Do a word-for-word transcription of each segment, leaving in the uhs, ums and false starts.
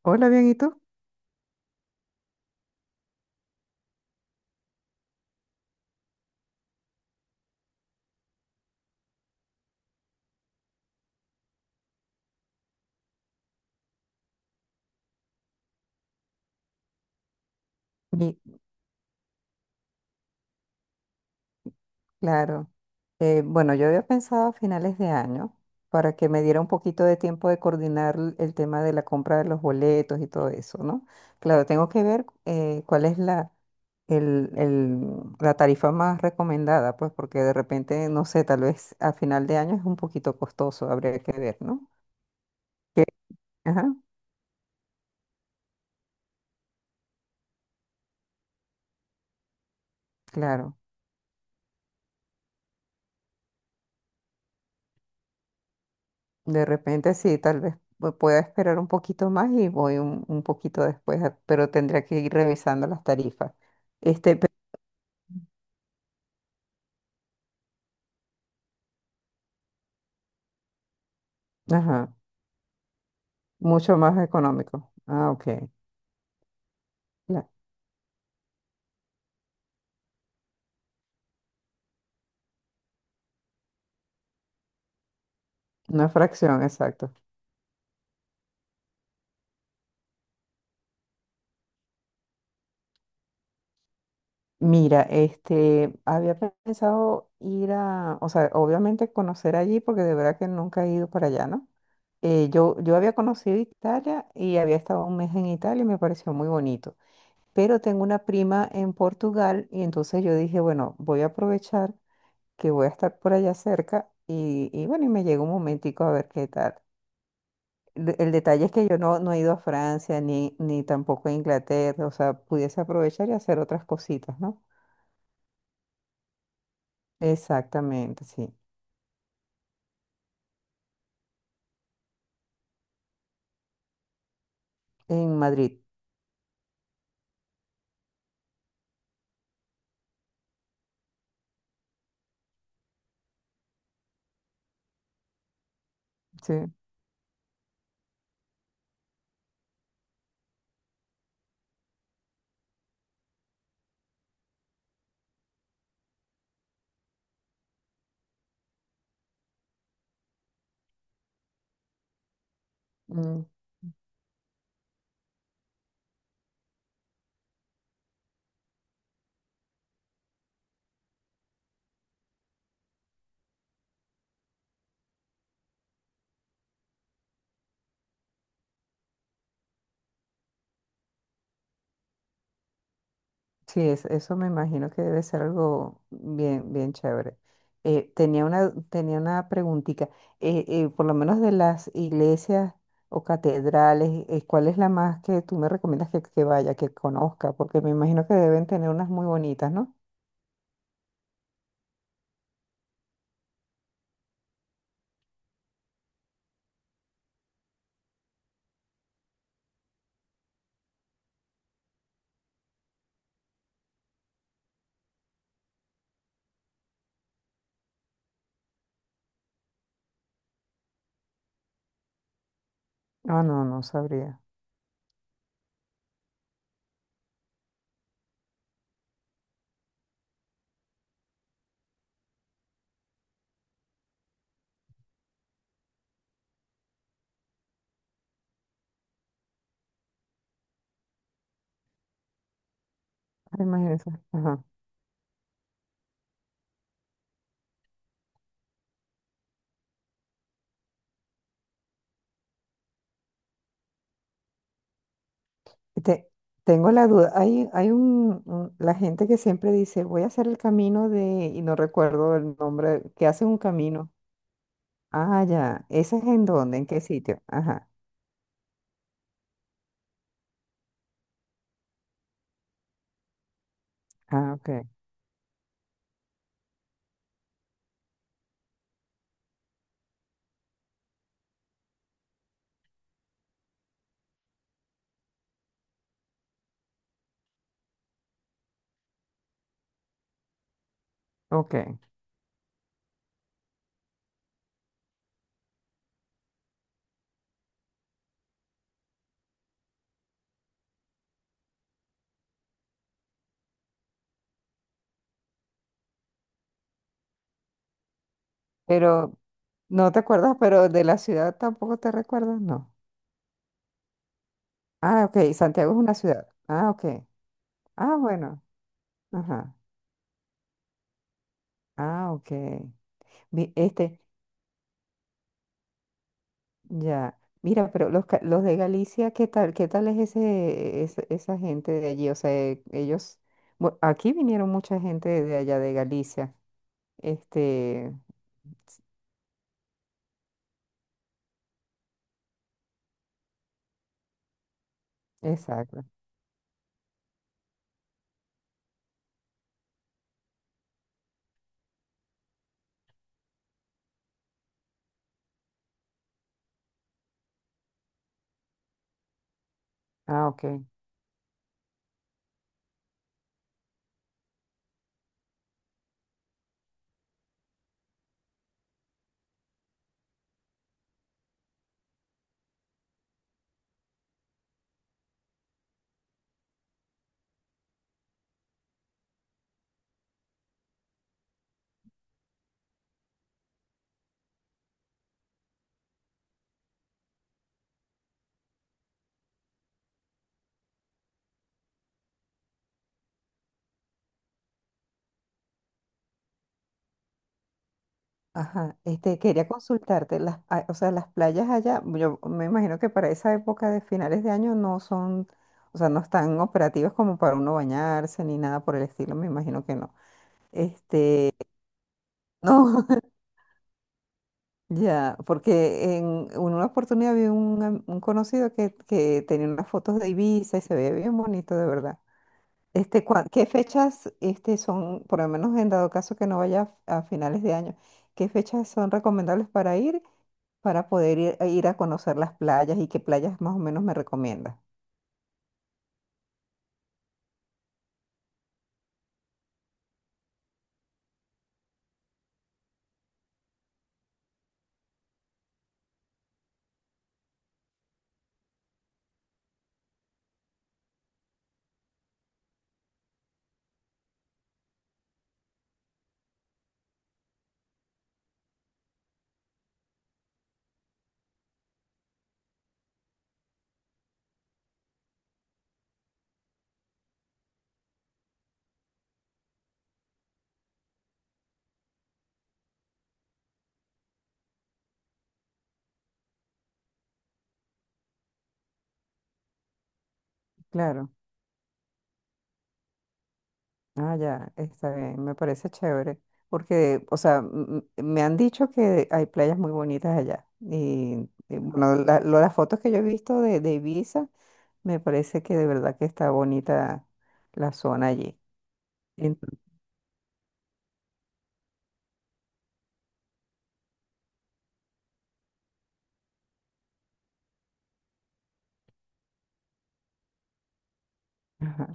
Hola, bien, ¿y tú? Y claro, eh, bueno, yo había pensado a finales de año para que me diera un poquito de tiempo de coordinar l- el tema de la compra de los boletos y todo eso, ¿no? Claro, tengo que ver eh, cuál es la, el, el- la tarifa más recomendada, pues porque de repente, no sé, tal vez a final de año es un poquito costoso, habría que ver, ¿no? Que- Ajá, claro. De repente sí, tal vez pu- pueda esperar un poquito más y voy un, un poquito después, a- pero tendría que ir revisando las tarifas. Este, pe- ajá, mucho más económico. Ah, ok. la- una fracción, exacto. Mira, este, había pensado ir a, o sea, obviamente conocer allí, porque de verdad que nunca he ido para allá, ¿no? Eh, yo, yo había conocido Italia y había estado un mes en Italia y me pareció muy bonito. Pero tengo una prima en Portugal y entonces yo dije, bueno, voy a aprovechar que voy a estar por allá cerca y, y bueno, y me llegó un momentico a ver qué tal. El, el detalle es que yo no, no he ido a Francia ni, ni tampoco a Inglaterra, o sea, pudiese aprovechar y hacer otras cositas, ¿no? Exactamente, sí. En Madrid, sí. Mm. Sí, es- eso me imagino que debe ser algo bien, bien chévere. Eh, tenía una, tenía una preguntita. Eh, eh, por lo menos de las iglesias o catedrales, eh, ¿cuál es la más que tú me recomiendas que, que vaya, que conozca? Porque me imagino que deben tener unas muy bonitas, ¿no? Ah, no, no sabría. Ah, imagínese. Ajá. Y te- Tengo la duda. Hay, hay un, un- la gente que siempre dice, voy a hacer el camino de, y no recuerdo el nombre, que hace un camino. Ah, ya. ¿Ese es en dónde? ¿En qué sitio? Ajá. Ah, ok. Ok. Pero, ¿no te acuerdas? Pero de la ciudad tampoco te recuerdas, no. Ah, ok. Santiago es una ciudad. Ah, ok. Ah, bueno. Ajá. Ah, ok. Mi- Este, ya. Mira, pero los, ca- los de Galicia, ¿qué tal? ¿Qué tal es ese, ese- esa gente de allí? O sea, eh, ellos, bu- aquí vinieron mucha gente de allá de Galicia. Este, s- exacto. Ah, ok. Ajá, este, quería consultarte, las, ah, o sea, las playas allá, yo me imagino que para esa época de finales de año no son, o sea, no están operativas como para uno bañarse ni nada por el estilo, me imagino que no. Este, no, ya, porque en en una oportunidad vi un, am- un conocido que, que tenía unas fotos de Ibiza y se veía bien bonito, de verdad. Este, cua- ¿qué fechas, este, son, por lo menos en dado caso que no vaya a finales de año, qué fechas son recomendables para ir? Para poder ir, ir a conocer las playas y qué playas más o menos me recomiendas. Claro. Ah, ya, está bien, me parece chévere. Porque, o sea, m- m- me han dicho que hay playas muy bonitas allá. Y, y bueno, la- lo- las fotos que yo he visto de, de Ibiza, me parece que de verdad que está bonita la zona allí. En- ajá,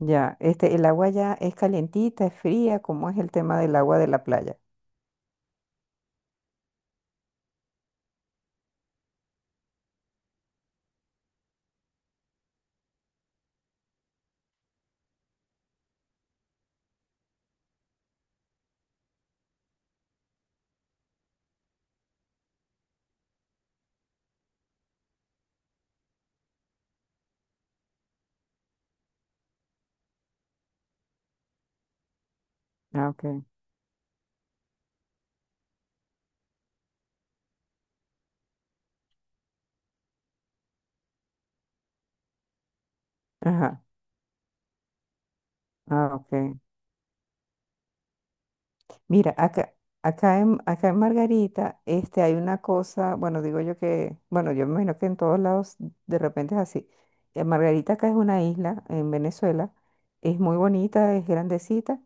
ya, este, el agua ya es calientita, es fría, ¿cómo es el tema del agua de la playa? Ah, ok. Ajá. Ah, ok. Mira, acá, acá en, acá en Margarita, este, hay una cosa, bueno, digo yo que, bueno, yo me imagino que en todos lados de repente es así. Eh, Margarita acá es una isla en Venezuela, es muy bonita, es grandecita,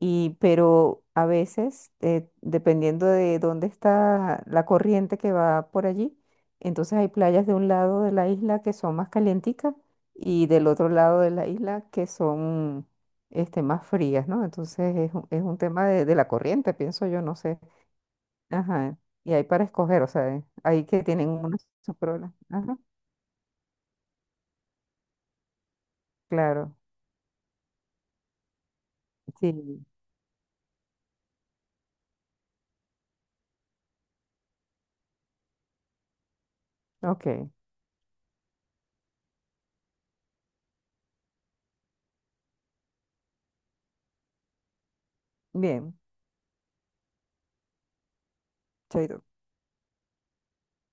y, pero a veces, eh, dependiendo de dónde está la corriente que va por allí, entonces hay playas de un lado de la isla que son más calienticas y del otro lado de la isla que son este, más frías, ¿no? Entonces es, un- es un tema de, de la corriente, pienso yo, no sé. Ajá. Y hay para escoger, o sea, eh, hay que tienen unos sus problemas. Ajá, claro. Sí. Ok. Bien. Chaito.